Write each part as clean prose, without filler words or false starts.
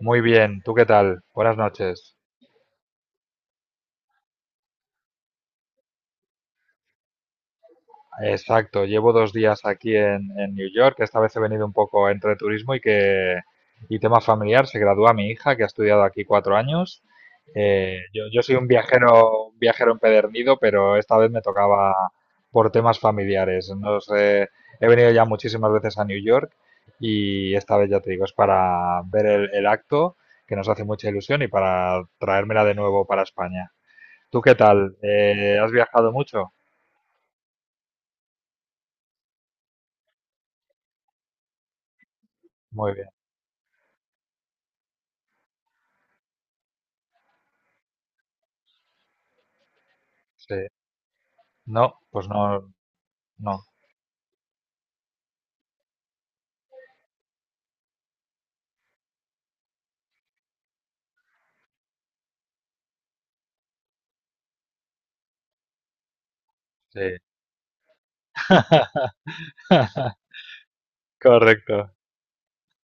Muy bien, ¿tú qué tal? Buenas noches. Exacto, llevo 2 días aquí en New York. Esta vez he venido un poco entre turismo y tema familiar. Se gradúa mi hija, que ha estudiado aquí 4 años. Yo soy un viajero empedernido, pero esta vez me tocaba por temas familiares. No sé, he venido ya muchísimas veces a New York y esta vez ya te digo, es para ver el acto, que nos hace mucha ilusión, y para traérmela de nuevo para España. ¿Tú qué tal? ¿Has viajado mucho? Muy bien. Sí. No, pues no, no. Sí. Correcto.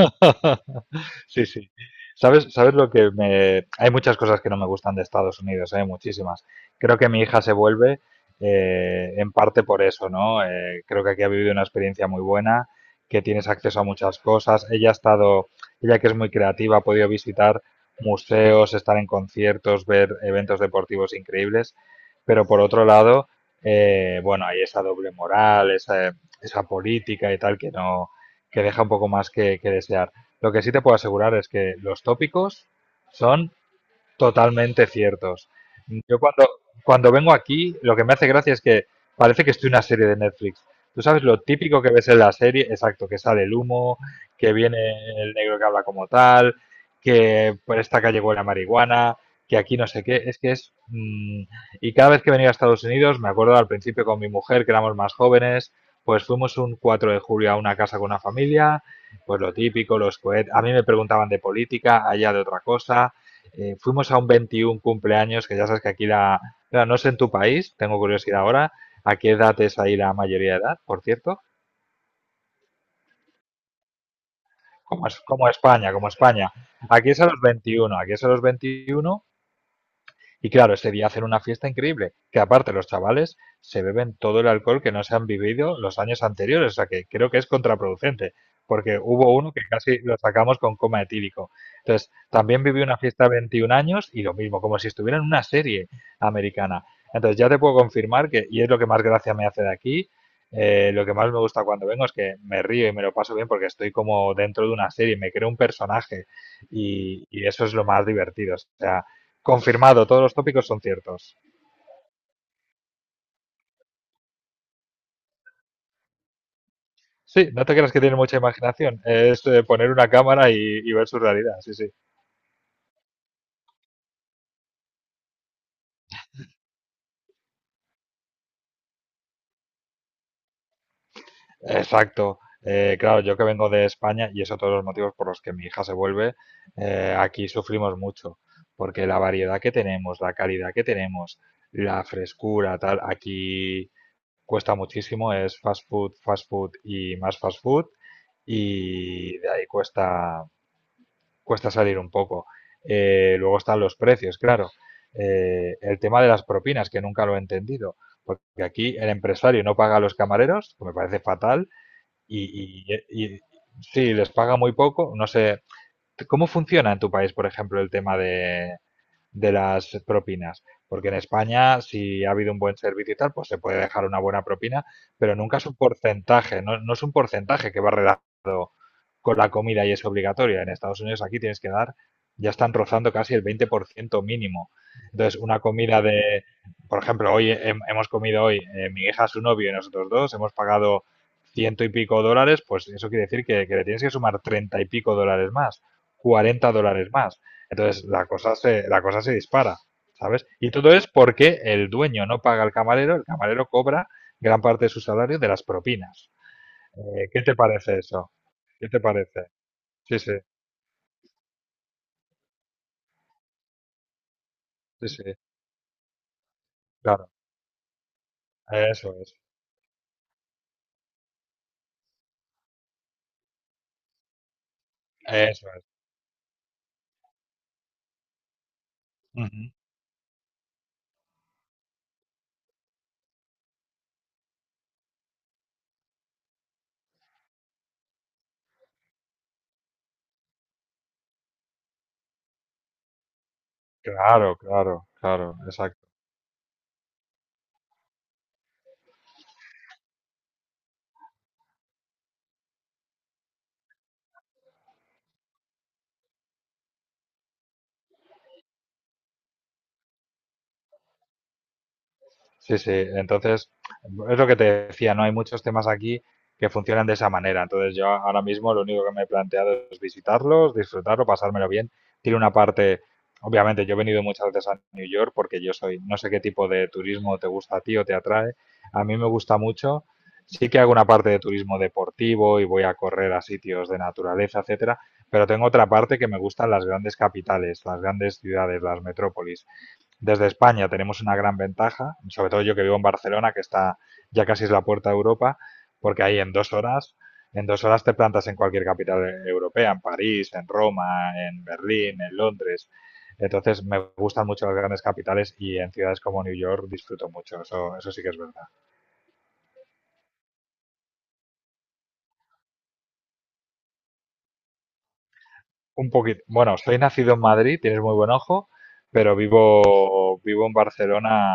Sí, sí. ¿Sabes lo que me... Hay muchas cosas que no me gustan de Estados Unidos, hay muchísimas. Creo que mi hija se vuelve, en parte por eso, ¿no? Creo que aquí ha vivido una experiencia muy buena, que tienes acceso a muchas cosas. Ella que es muy creativa, ha podido visitar museos, estar en conciertos, ver eventos deportivos increíbles. Pero por otro lado, bueno, hay esa doble moral, esa política y tal que no, que deja un poco más que desear. Lo que sí te puedo asegurar es que los tópicos son totalmente ciertos. Yo cuando vengo aquí, lo que me hace gracia es que parece que estoy en una serie de Netflix. Tú sabes lo típico que ves en la serie, exacto, que sale el humo, que viene el negro que habla como tal, que por esta calle huele a marihuana, que aquí no sé qué, es que es. Y cada vez que venía a Estados Unidos, me acuerdo al principio con mi mujer, que éramos más jóvenes, pues fuimos un 4 de julio a una casa con una familia, pues lo típico, los cohetes, a mí me preguntaban de política, allá de otra cosa, fuimos a un 21 cumpleaños, que ya sabes que aquí la... Claro, no sé en tu país, tengo curiosidad ahora, ¿a qué edad es ahí la mayoría de edad, por cierto? Como España, como España. Aquí es a los 21, aquí es a los 21. Y claro, ese día hacer una fiesta increíble, que aparte los chavales se beben todo el alcohol que no se han vivido los años anteriores, o sea que creo que es contraproducente, porque hubo uno que casi lo sacamos con coma etílico. Entonces, también viví una fiesta de 21 años y lo mismo, como si estuviera en una serie americana. Entonces, ya te puedo confirmar que, y es lo que más gracia me hace de aquí, lo que más me gusta cuando vengo es que me río y me lo paso bien porque estoy como dentro de una serie, me creo un personaje y eso es lo más divertido. O sea, confirmado, todos los tópicos son ciertos. Sí, no te creas que tiene mucha imaginación. Es, poner una cámara y ver su realidad, sí, sí. Exacto. Claro, yo que vengo de España, y eso todos los motivos por los que mi hija se vuelve, aquí sufrimos mucho, porque la variedad que tenemos, la calidad que tenemos, la frescura, tal, aquí cuesta muchísimo, es fast food y más fast food, y de ahí cuesta, cuesta salir un poco. Luego están los precios, claro. El tema de las propinas, que nunca lo he entendido, porque aquí el empresario no paga a los camareros, que me parece fatal, y, y sí, les paga muy poco. No sé, ¿cómo funciona en tu país, por ejemplo, el tema de, las propinas? Porque en España, si ha habido un buen servicio y tal, pues se puede dejar una buena propina, pero nunca es un porcentaje, no, no es un porcentaje que va redactado con la comida y es obligatoria. En Estados Unidos aquí tienes que dar, ya están rozando casi el 20% mínimo. Entonces, una comida de, por ejemplo, hoy hemos comido hoy, mi hija, su novio y nosotros dos, hemos pagado ciento y pico dólares, pues eso quiere decir que le tienes que sumar treinta y pico dólares más, 40 dólares más. Entonces, la cosa se dispara, ¿sabes? Y todo es porque el dueño no paga al camarero, el camarero cobra gran parte de su salario de las propinas. ¿Qué te parece eso? ¿Qué te parece? Sí, sí, sí, sí, claro, eso es, eso es. Ujú. Claro, claro, claro, exacto. Sí, sí. Entonces, es lo que te decía, ¿no? Hay muchos temas aquí que funcionan de esa manera. Entonces, yo ahora mismo lo único que me he planteado es visitarlos, disfrutarlo, pasármelo bien. Tiene una parte, obviamente, yo he venido muchas veces a New York porque no sé qué tipo de turismo te gusta a ti o te atrae. A mí me gusta mucho. Sí que hago una parte de turismo deportivo y voy a correr a sitios de naturaleza, etcétera, pero tengo otra parte que me gustan las grandes capitales, las grandes ciudades, las metrópolis. Desde España tenemos una gran ventaja, sobre todo yo que vivo en Barcelona, que está ya casi es la puerta de Europa, porque ahí en 2 horas, en dos horas te plantas en cualquier capital europea, en París, en Roma, en Berlín, en Londres. Entonces me gustan mucho las grandes capitales y en ciudades como New York disfruto mucho, eso sí que es verdad. Un poquito. Bueno, soy nacido en Madrid, tienes muy buen ojo, pero vivo en Barcelona,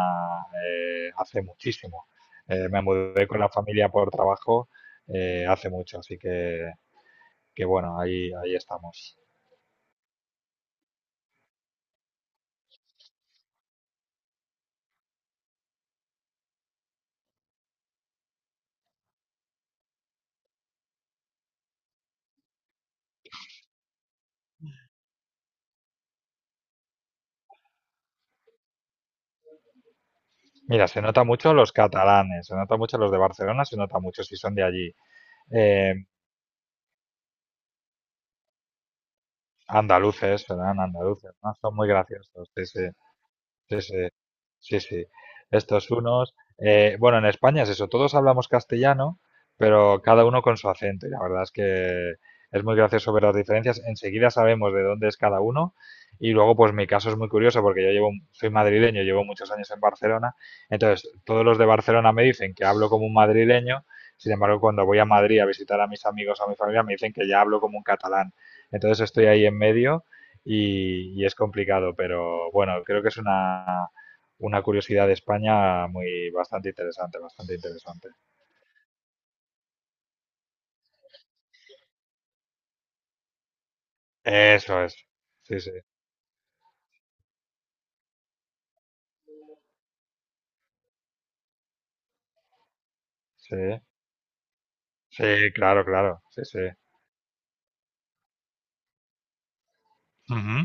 hace muchísimo. Me mudé con la familia por trabajo, hace mucho, así que bueno, ahí estamos. Mira, se nota mucho los catalanes, se nota mucho los de Barcelona, se nota mucho si son de allí. Eh, andaluces, serán andaluces, ¿no? Son muy graciosos, sí, sí. Sí, sí, sí, sí. Estos unos, bueno, en España es eso, todos hablamos castellano, pero cada uno con su acento. Y la verdad es que es muy gracioso ver las diferencias. Enseguida sabemos de dónde es cada uno. Y luego, pues mi caso es muy curioso porque yo llevo, soy madrileño, llevo muchos años en Barcelona. Entonces, todos los de Barcelona me dicen que hablo como un madrileño. Sin embargo, cuando voy a Madrid a visitar a mis amigos o a mi familia, me dicen que ya hablo como un catalán. Entonces, estoy ahí en medio y es complicado, pero bueno, creo que es una curiosidad de España muy bastante interesante, bastante interesante. Eso es. Sí, sí, sí, sí, claro, claro, sí, sí. Ujú,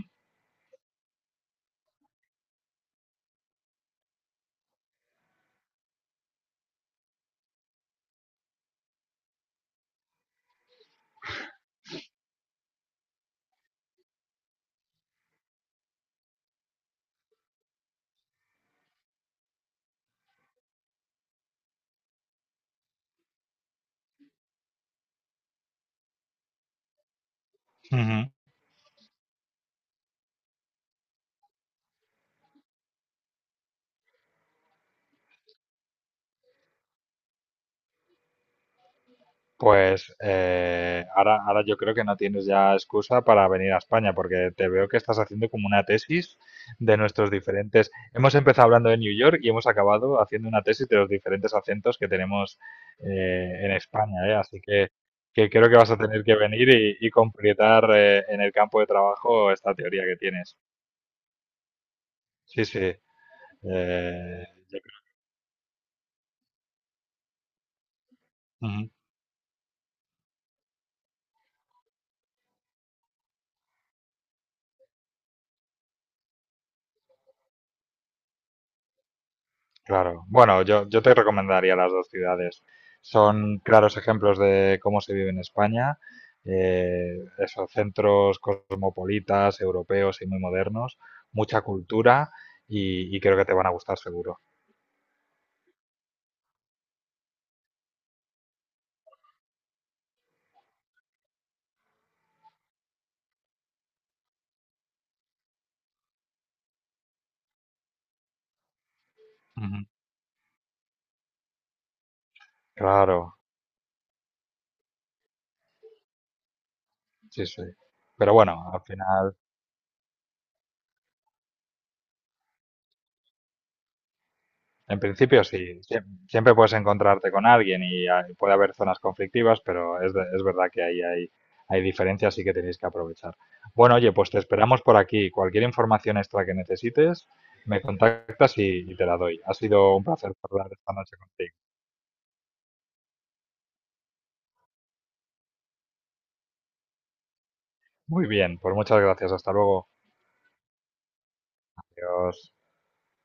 ujú. Pues, ahora yo creo que no tienes ya excusa para venir a España, porque te veo que estás haciendo como una tesis de nuestros diferentes... Hemos empezado hablando de New York y hemos acabado haciendo una tesis de los diferentes acentos que tenemos, en España, ¿eh? Así que creo que vas a tener que venir y completar, en el campo de trabajo esta teoría que tienes. Sí, sí. eh, yo creo. Claro. Bueno, yo te recomendaría las dos ciudades. Son claros ejemplos de cómo se vive en España. Esos centros cosmopolitas, europeos y muy modernos. Mucha cultura y creo que te van a gustar seguro. Ujú. Claro, sí, sí. Pero bueno, al final... En principio sí, siempre puedes encontrarte con alguien y puede haber zonas conflictivas, pero es verdad que ahí hay diferencias y que tenéis que aprovechar. Bueno, oye, pues te esperamos por aquí. Cualquier información extra que necesites, me contactas y te la doy. Ha sido un placer hablar esta noche contigo. Muy bien, pues muchas gracias. Hasta luego. Adiós.